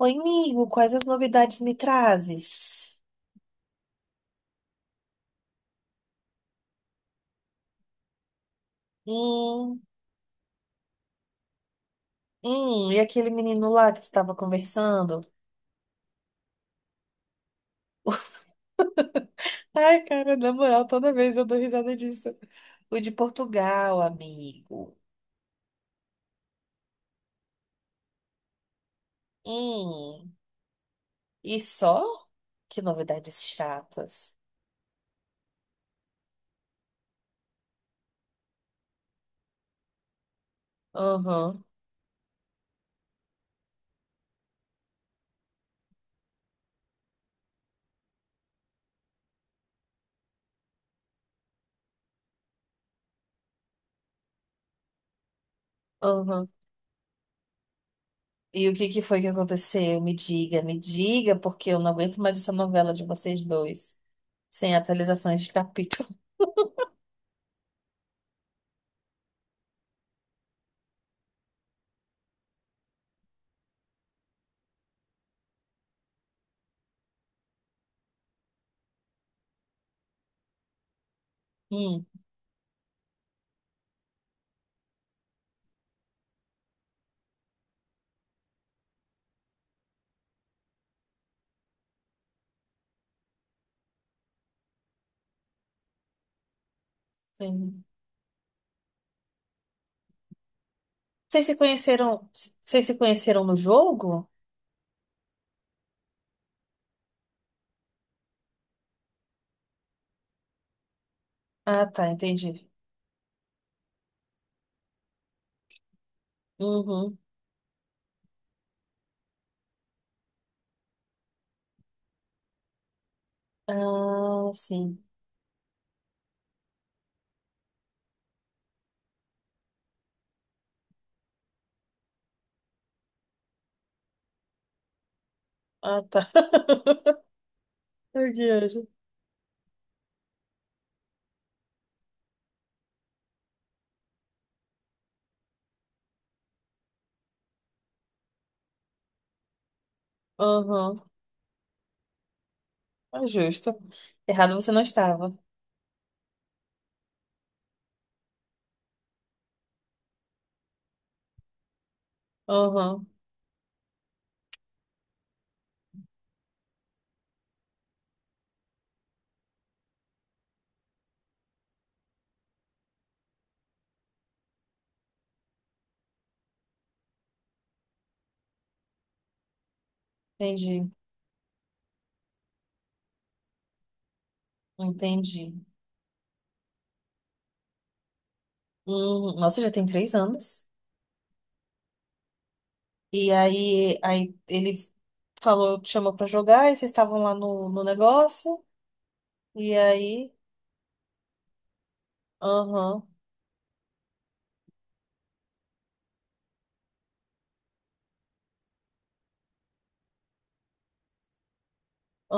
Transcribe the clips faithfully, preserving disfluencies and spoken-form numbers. Oi, amigo, quais as novidades me trazes? Hum, hum, e aquele menino lá que tu tava conversando? Ai, cara, na moral, toda vez eu dou risada disso. O de Portugal, amigo. Hum, e só? Que novidades chatas. Aham, aham. E o que que foi que aconteceu? Me diga, me diga, porque eu não aguento mais essa novela de vocês dois, sem atualizações de capítulo. Hum, sim. Vocês se conheceram, vocês se conheceram no jogo? Ah, tá, entendi. Uhum. Ah, sim. Ah, tá. Ai, que anjo. Uhum. É justo. Errado você não estava. Uhum. Entendi. Entendi. Uhum. Nossa, já tem três anos. E aí, aí ele falou, te chamou pra jogar, e vocês estavam lá no, no negócio. E aí, aham,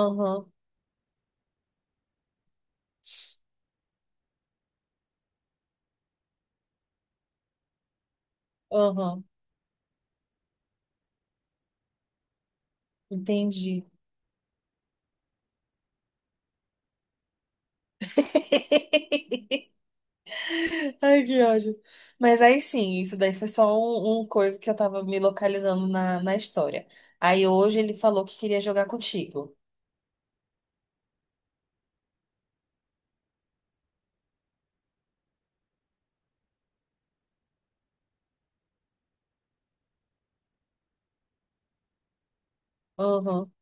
aham, aham. Entendi. Ai, que ódio. Mas aí sim, isso daí foi só um, um coisa que eu tava me localizando na, na história. Aí hoje ele falou que queria jogar contigo. Uhum.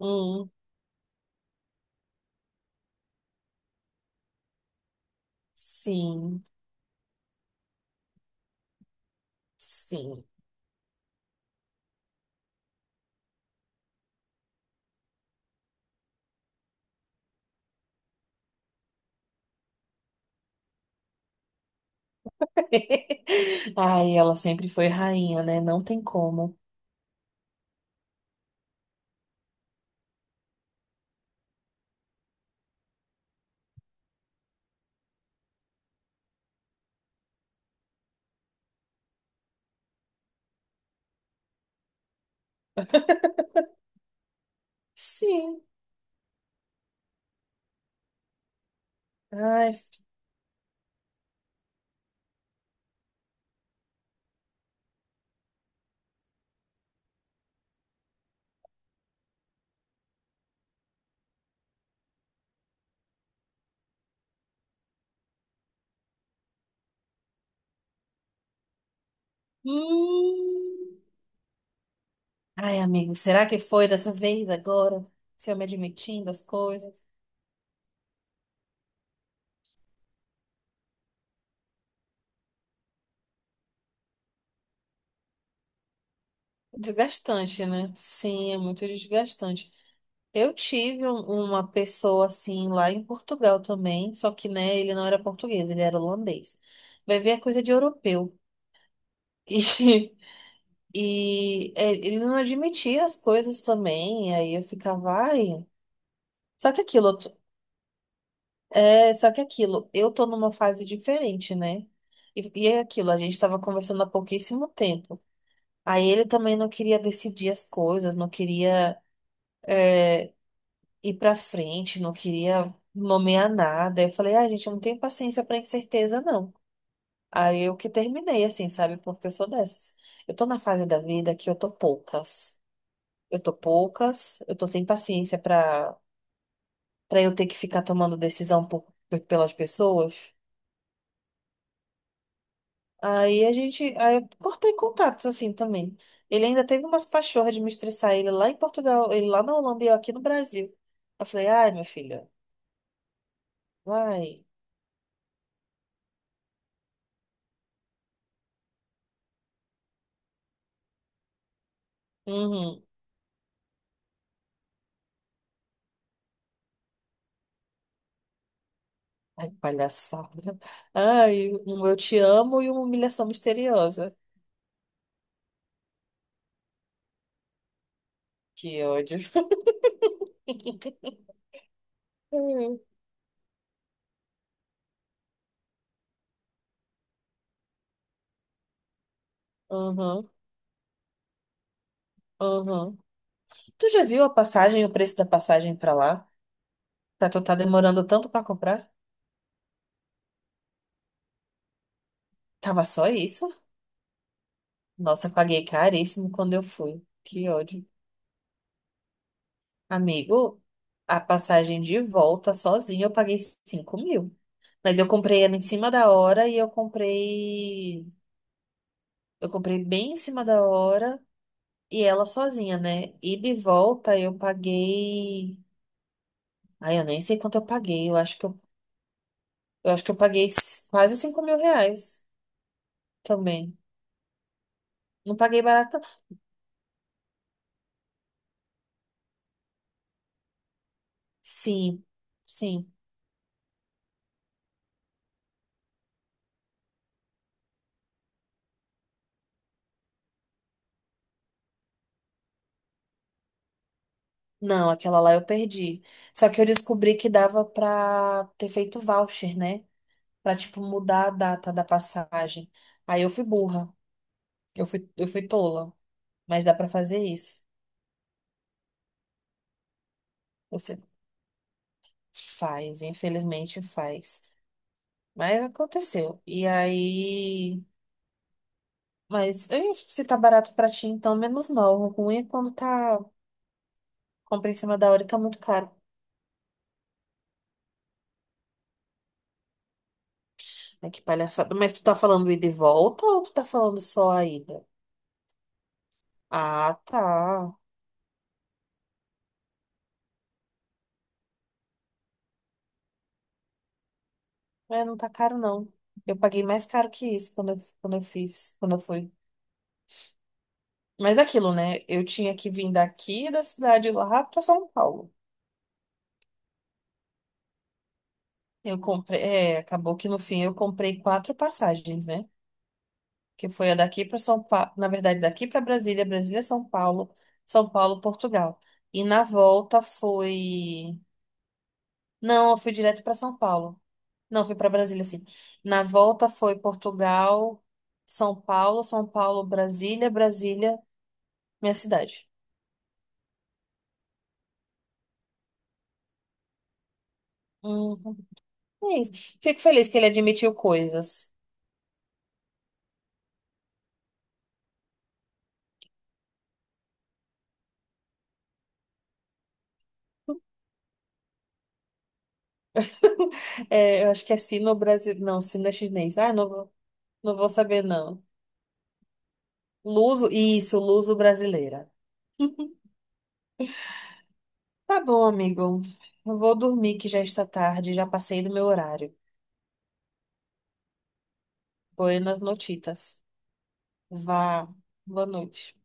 Hum, sim, sim. Ai, ela sempre foi rainha, né? Não tem como. Sim. Ai, hum. Ai, amigo, será que foi dessa vez agora? Se eu me admitindo as coisas? Desgastante, né? Sim, é muito desgastante. Eu tive um- uma pessoa assim lá em Portugal também, só que, né, ele não era português, ele era holandês. Vai ver a coisa de europeu. E, e é, ele não admitia as coisas também, aí eu ficava, ai. Só que aquilo, eu t- é, só que aquilo, eu tô numa fase diferente, né? E, e é aquilo, a gente tava conversando há pouquíssimo tempo. Aí ele também não queria decidir as coisas, não queria ir pra frente, não queria nomear nada. Eu falei, ah, gente, eu não tenho paciência pra incerteza, não. Aí eu que terminei, assim, sabe? Porque eu sou dessas. Eu tô na fase da vida que eu tô poucas. Eu tô poucas, eu tô sem paciência pra, pra eu ter que ficar tomando decisão por, por- pelas pessoas. Aí a gente, aí eu cortei contatos, assim, também. Ele ainda teve umas pachorras de me estressar, ele lá em Portugal, ele lá na Holanda e eu aqui no Brasil. Eu falei, ai, meu filho, vai. Uhum. Ai, que palhaçada. Ai, um eu te amo e uma humilhação misteriosa. Que ódio. Uhum, uhum. Tu já viu a passagem, o preço da passagem pra lá? Tá, tu tá demorando tanto pra comprar? Tava só isso? Nossa, eu paguei caríssimo quando eu fui. Que ódio. Amigo, a passagem de volta sozinha eu paguei cinco mil. Mas eu comprei ela em cima da hora e eu comprei. Eu comprei bem em cima da hora. E ela sozinha, né? E de volta eu paguei. Ai, eu nem sei quanto eu paguei. Eu acho que eu, eu acho que eu paguei s- quase cinco mil reais também. Não paguei barato, não. Sim, sim. Não, aquela lá eu perdi. Só que eu descobri que dava pra ter feito voucher, né? Pra, tipo, mudar a data da passagem. Aí eu fui burra. Eu fui, eu fui tola. Mas dá pra fazer isso. Você faz, infelizmente faz. Mas aconteceu. E aí. Mas eu, tipo, se tá barato pra ti, então menos mal. O ruim é quando tá. Compra em cima da hora e tá muito caro. Ai, que palhaçada. Mas tu tá falando ida e volta ou tu tá falando só a ida? Ah, tá. É, não tá caro, não. Eu paguei mais caro que isso quando eu, quando eu fiz, quando eu fui. Mas é aquilo, né? Eu tinha que vir daqui da cidade lá pra São Paulo. Eu comprei. É, acabou que no fim eu comprei quatro passagens, né? Que foi a daqui para São Paulo, na verdade, daqui para Brasília, Brasília, São Paulo, São Paulo, Portugal. E na volta foi. Não, eu fui direto para São Paulo. Não, fui para Brasília, sim. Na volta foi Portugal, São Paulo, São Paulo, Brasília, Brasília, minha cidade. Uhum. É isso. Fico feliz que ele admitiu coisas. É, eu acho que é sino brasileiro. Não, sino é chinês. Ah, não vou, não vou saber, não. Luso, isso, luso brasileira. Tá bom, amigo. Eu vou dormir que já está tarde, já passei do meu horário. Buenas notitas. Vá. Boa noite.